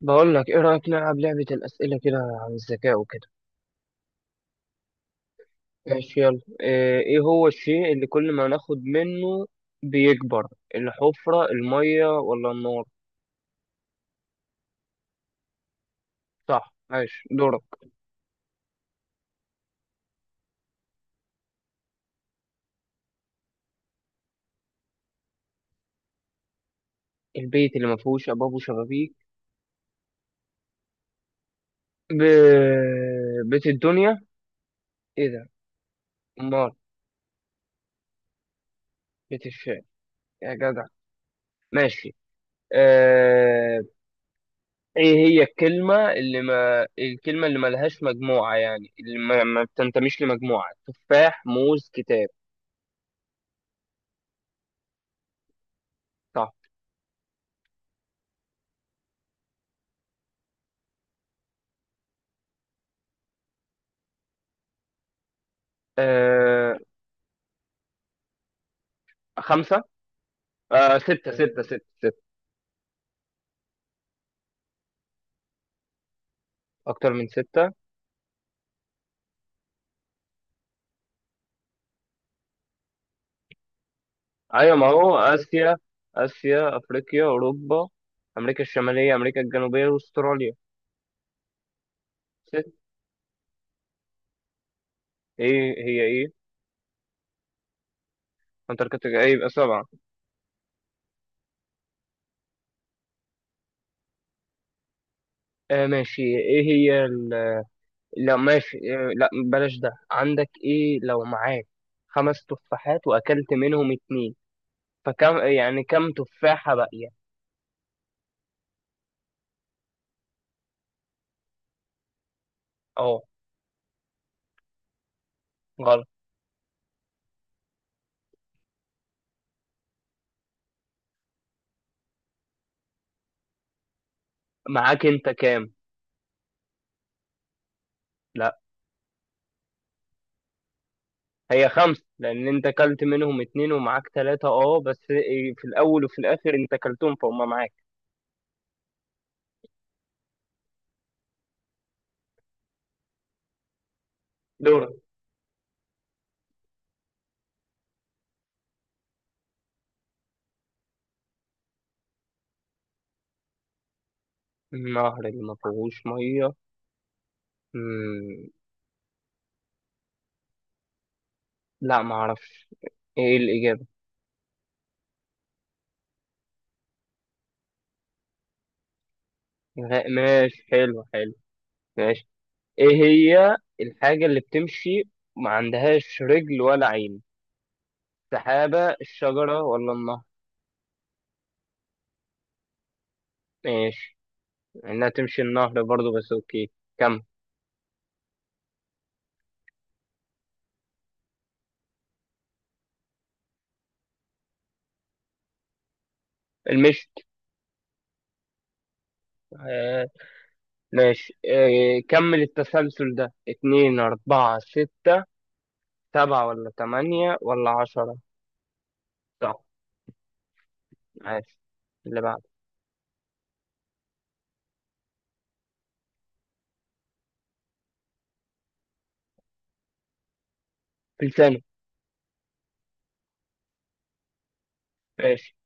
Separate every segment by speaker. Speaker 1: بقول لك، ايه رأيك نلعب لعبة الأسئلة كده عن الذكاء وكده؟ ماشي، يلا. ايه هو الشيء اللي كل ما ناخد منه بيكبر؟ الحفرة، المية، ولا النار؟ صح. ماشي، دورك. البيت اللي ما فيهوش أبواب وشبابيك؟ ب... بيت الدنيا. ايه ده؟ امال؟ بيت الشعر؟ يا جدع! ماشي. آه... ايه هي الكلمة اللي ما الكلمة اللي ملهاش مجموعة، يعني اللي ما بتنتميش لمجموعة؟ تفاح، موز، كتاب؟ صح. آه، خمسة. ستة ستة ستة ستة. أكتر من ستة. أيوة، ما هو آسيا. آسيا، أفريقيا، أوروبا، أمريكا الشمالية، أمريكا الجنوبية، وأستراليا. ست. إيه هي، إيه؟ أنتاركتيكا؟ إيه، يبقى سبعة. ماشي. لا ماشي. لا بلاش ده. عندك إيه لو معاك 5 تفاحات وأكلت منهم اتنين، فكم، يعني كم تفاحة باقية؟ أه، غلط. معاك أنت كام؟ لا. هي خمسة لأن أنت أكلت منهم اتنين ومعاك تلاتة، أه، بس في الأول وفي الآخر أنت أكلتهم فهم معاك. دورك. النهر اللي ما فيهوش مية؟ مم. لا ما أعرفش. إيه الإجابة؟ ماشي. حلو حلو. ماشي. إيه هي الحاجة اللي بتمشي ما عندهاش رجل ولا عين؟ سحابة، الشجرة، ولا النهر؟ ماشي. إنها تمشي النهر برضو، بس أوكي. كم. المشت. ماشي، إيه، كمل التسلسل ده: اتنين، أربعة، ستة. سبعة ولا تمانية ولا عشرة؟ صح. ماشي، اللي بعده. فلسانه. ماشي.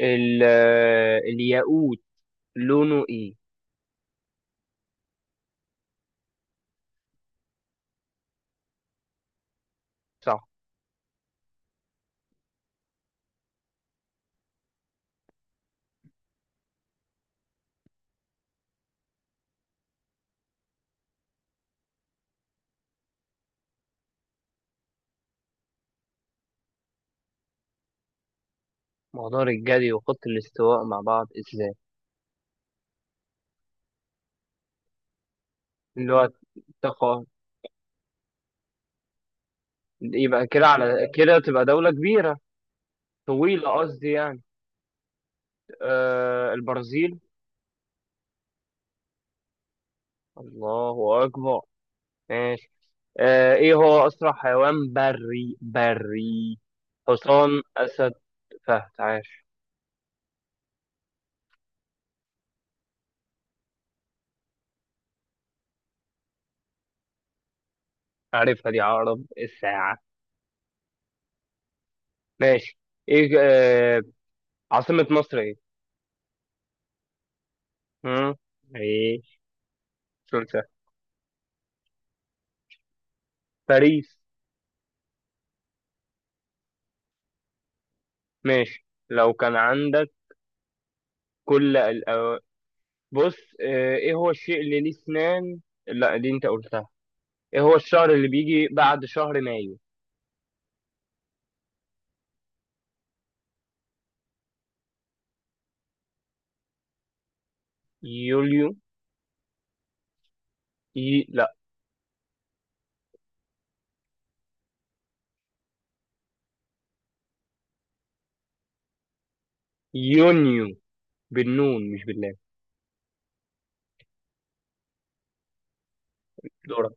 Speaker 1: الياقوت لونه ايه؟ صح. مقدار الجري وخط الاستواء مع بعض ازاي؟ اللي هو، تقا، يبقى كده على كده تبقى دولة كبيرة. طويلة قصدي يعني. البرازيل. الله أكبر. ماشي. ايه هو اسرع حيوان بري بري؟ حصان، اسد، فهد. عاش! عارفها دي، عقرب الساعة. ماشي. ايه آه عاصمة مصر ايه؟ هم؟ ايه. سلسة. باريس. ماشي. لو كان عندك. كل الأو... بص. ايه هو الشيء اللي ليه اسنان؟ لا دي انت قلتها. ايه هو الشهر اللي بيجي بعد شهر مايو؟ يوليو؟ لا، يونيو. بالنون مش باللام. دورك.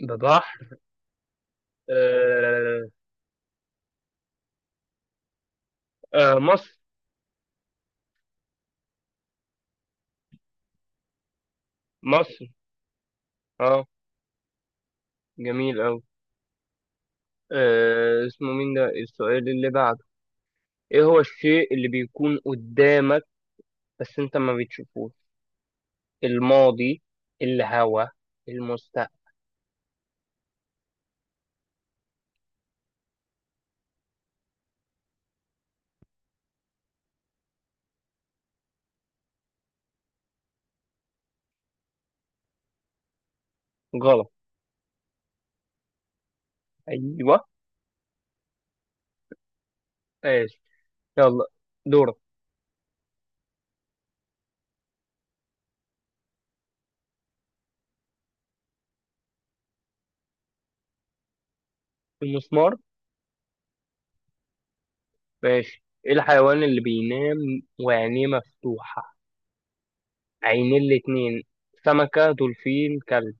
Speaker 1: ده صح. آه، مصر. مصر. اه. جميل أوي. اسمه مين ده السؤال اللي بعده؟ ايه هو الشيء اللي بيكون قدامك بس انت ما بتشوفوش: الماضي، الهوا، المستقبل؟ غلط. ايوه. ماشي، يلا. دورك. المسمار. ماشي. ايه الحيوان اللي بينام وعينيه مفتوحة، عينيه الاتنين؟ سمكة، دولفين، كلب؟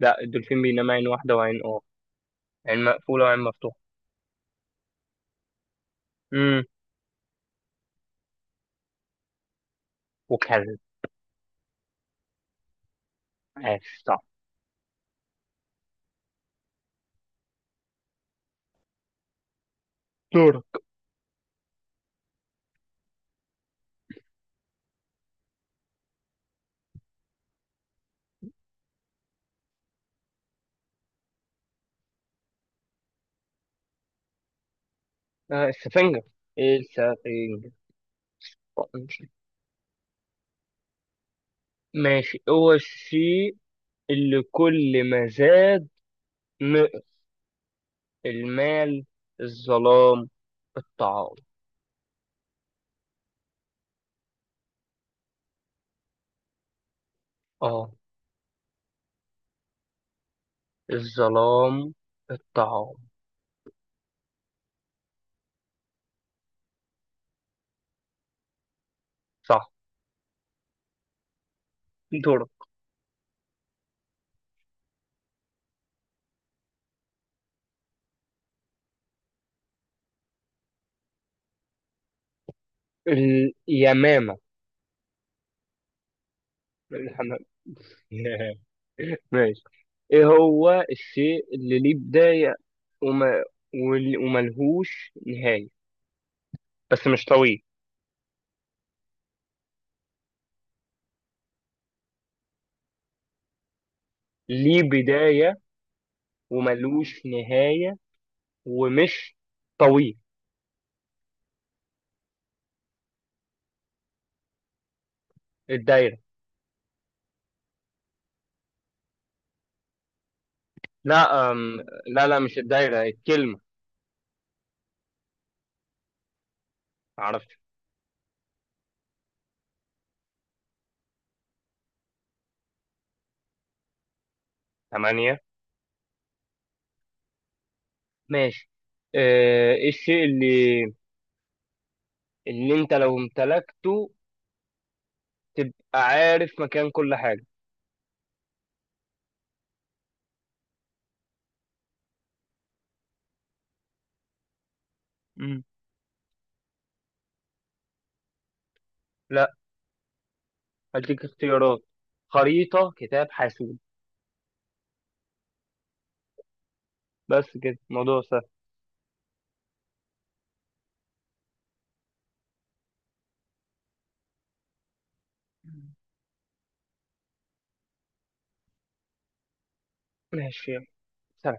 Speaker 1: لا، الدولفين بينام عين واحدة وعين، عين مقفولة وعين مفتوحة. امم وكلب. ماشي صح. دورك. السفنجة. ايه السفنجة. ماشي، هو الشيء اللي كل ما زاد نقص؟ المال، الظلام، الطعام؟ اه، الظلام، الطعام. صح. دور. اليمامة. الحمام. ماشي. ايه هو الشيء اللي ليه بداية وما وملهوش نهاية، بس مش طويل؟ ليه بداية وملوش نهاية ومش طويل. الدايرة؟ لا. لا لا، مش الدايرة، الكلمة. عرفت. 8. ماشي. ايه الشيء اللي انت لو امتلكته تبقى عارف مكان كل حاجة؟ مم. لا. هديك اختيارات: خريطة، كتاب، حاسوب. بس كده الموضوع سهل. ماشي، يلا. سلام.